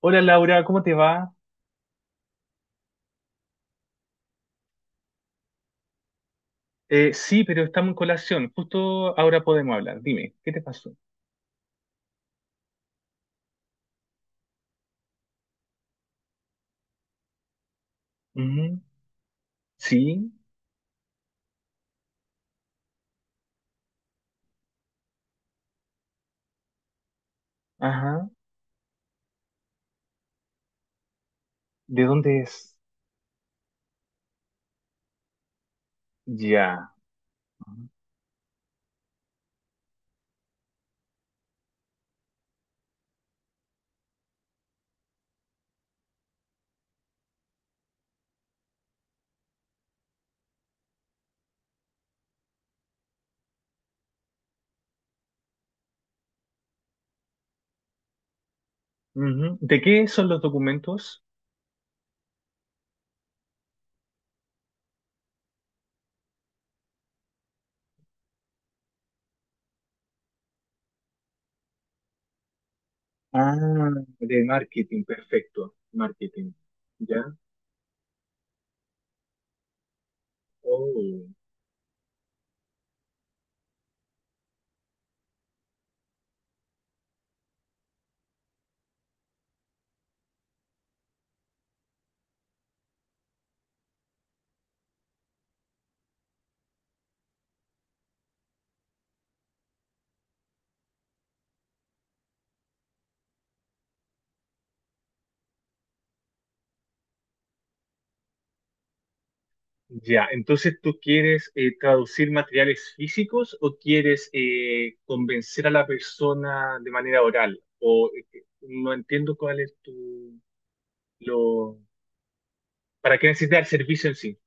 Hola Laura, ¿cómo te va? Sí, pero estamos en colación. Justo ahora podemos hablar. Dime, ¿qué te pasó? Ujú. Sí, ajá. ¿De dónde es? Ya. Ujú. ¿De qué son los documentos? Ah, de marketing, perfecto. Marketing. Ya. Oh. Ya, entonces tú quieres traducir materiales físicos o quieres convencer a la persona de manera oral? O no entiendo cuál es tu lo. ¿Para qué necesitas el servicio en sí?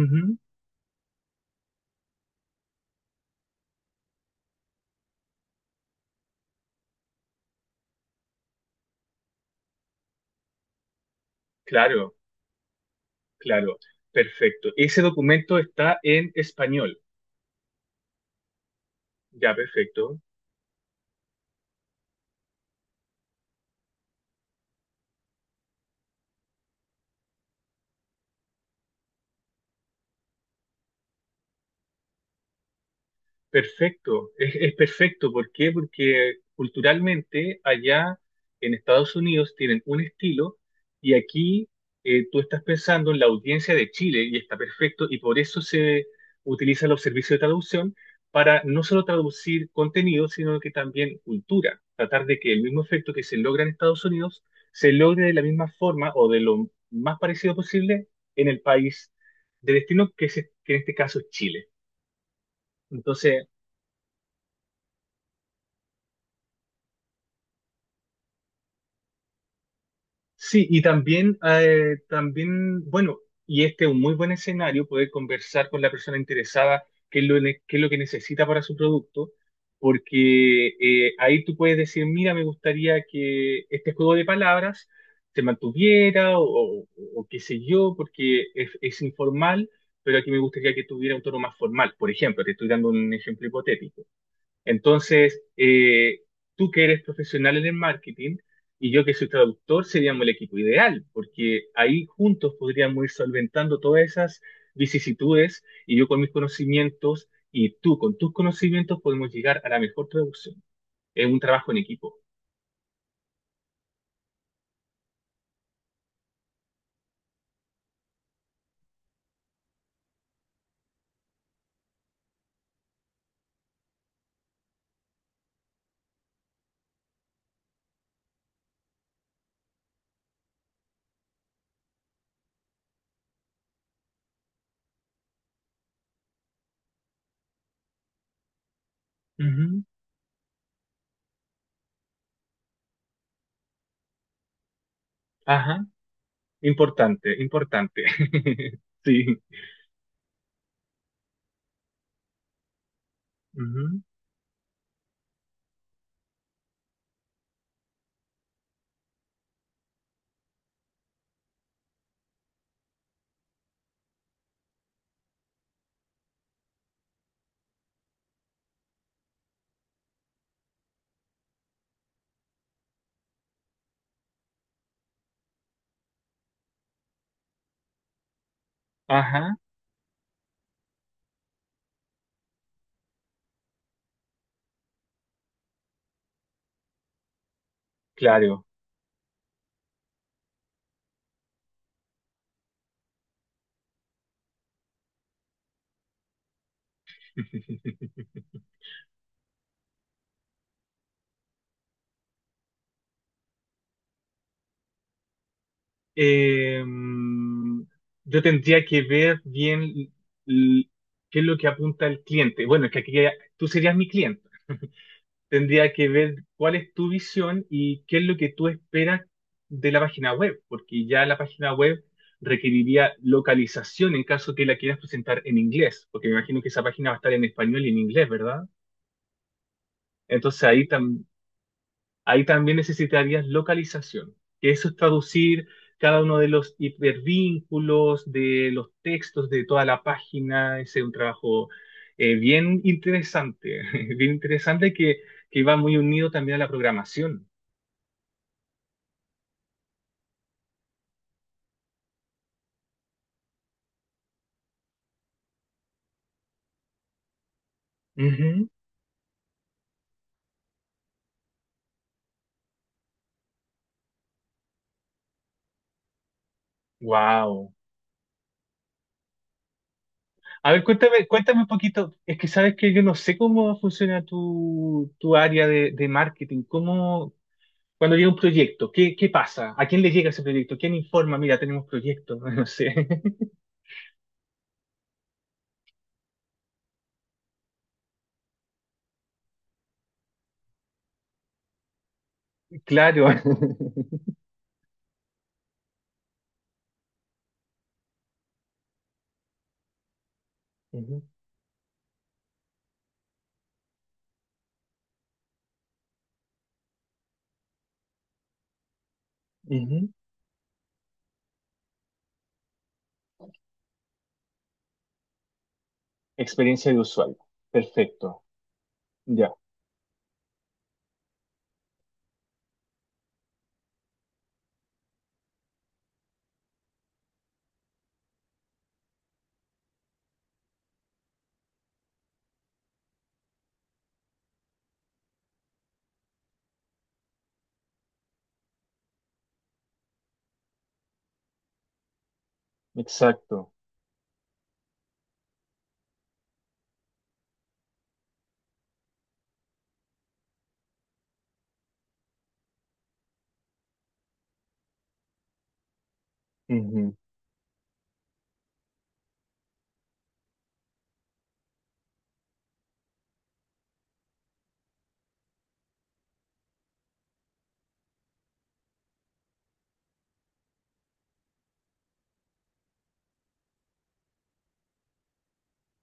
Ujú. Claro, claro, perfecto. Ese documento está en español. Ya, perfecto. Perfecto, es perfecto. ¿Por qué? Porque culturalmente allá en Estados Unidos tienen un estilo y aquí, tú estás pensando en la audiencia de Chile y está perfecto, y por eso se utilizan los servicios de traducción para no solo traducir contenido, sino que también cultura. Tratar de que el mismo efecto que se logra en Estados Unidos se logre de la misma forma o de lo más parecido posible en el país de destino que en este caso es Chile. Entonces, sí, y también, bueno, y este es un muy buen escenario, poder conversar con la persona interesada qué es lo, qué es lo que necesita para su producto, porque ahí tú puedes decir, mira, me gustaría que este juego de palabras se mantuviera o qué sé yo, porque es informal, pero aquí me gustaría que tuviera un tono más formal. Por ejemplo, te estoy dando un ejemplo hipotético. Entonces, tú que eres profesional en el marketing y yo que soy traductor, seríamos el equipo ideal, porque ahí juntos podríamos ir solventando todas esas vicisitudes, y yo con mis conocimientos y tú con tus conocimientos podemos llegar a la mejor traducción. Es un trabajo en equipo. Ujú. Ajá, importante, importante. Sí. Ujú. Ajá, claro. eh, yo tendría que ver bien l- qué es lo que apunta el cliente. Bueno, es que aquí tú serías mi cliente. Tendría que ver cuál es tu visión y qué es lo que tú esperas de la página web, porque ya la página web requeriría localización en caso que la quieras presentar en inglés, porque me imagino que esa página va a estar en español y en inglés, ¿verdad? Entonces ahí también necesitarías localización, que eso es traducir cada uno de los hipervínculos, de los textos, de toda la página. Ese es un trabajo bien interesante, bien interesante, que va muy unido también a la programación. Wow. A ver, cuéntame, cuéntame un poquito. Es que sabes que yo no sé cómo funciona tu área de marketing. ¿Cómo, cuando llega un proyecto, qué pasa? ¿A quién le llega ese proyecto? ¿Quién informa? Mira, tenemos proyectos. No sé. Claro. Ujú, ujú. Experiencia de usuario. Perfecto. Ya, exacto. Ujú.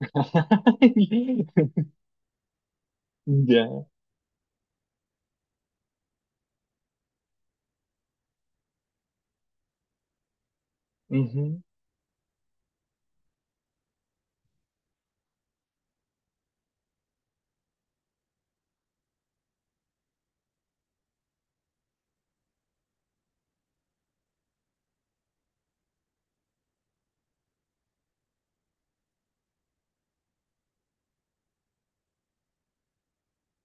Ya. Ujú,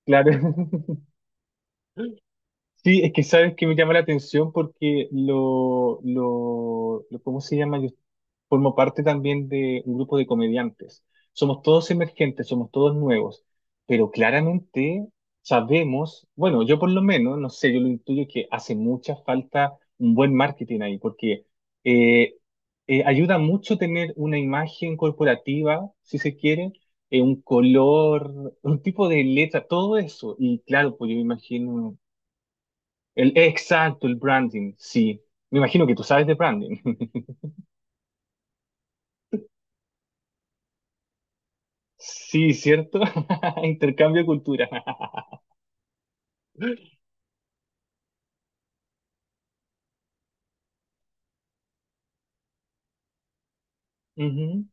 claro. Sí, es que sabes que me llama la atención porque ¿cómo se llama? Yo formo parte también de un grupo de comediantes. Somos todos emergentes, somos todos nuevos, pero claramente sabemos, bueno, yo por lo menos, no sé, yo lo intuyo, que hace mucha falta un buen marketing ahí, porque eh, ayuda mucho tener una imagen corporativa, si se quiere, un color, un tipo de letra, todo eso. Y claro, pues yo me imagino. Exacto, el branding, sí. Me imagino que tú sabes de branding. Sí, ¿cierto? Intercambio de cultura. Ujú,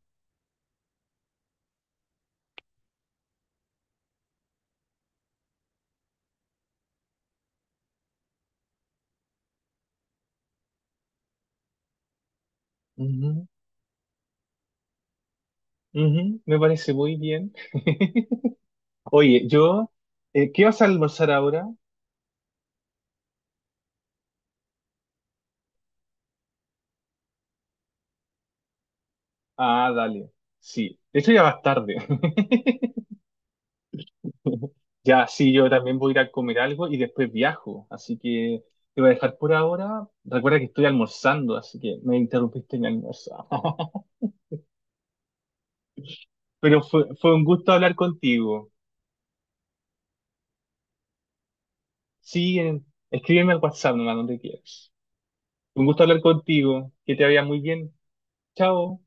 ujú, ujú. Me parece muy bien. Oye, yo, ¿qué vas a almorzar ahora? Ah, dale. Sí. De hecho, ya vas tarde. Ya, sí, yo también voy a ir a comer algo y después viajo. Así que te voy a dejar por ahora. Recuerda que estoy almorzando, así que me interrumpiste en mi almuerzo. Pero fue un gusto hablar contigo. Sí, en- Escríbeme al WhatsApp nomás donde quieras. Un gusto hablar contigo. Que te vaya muy bien. Chao.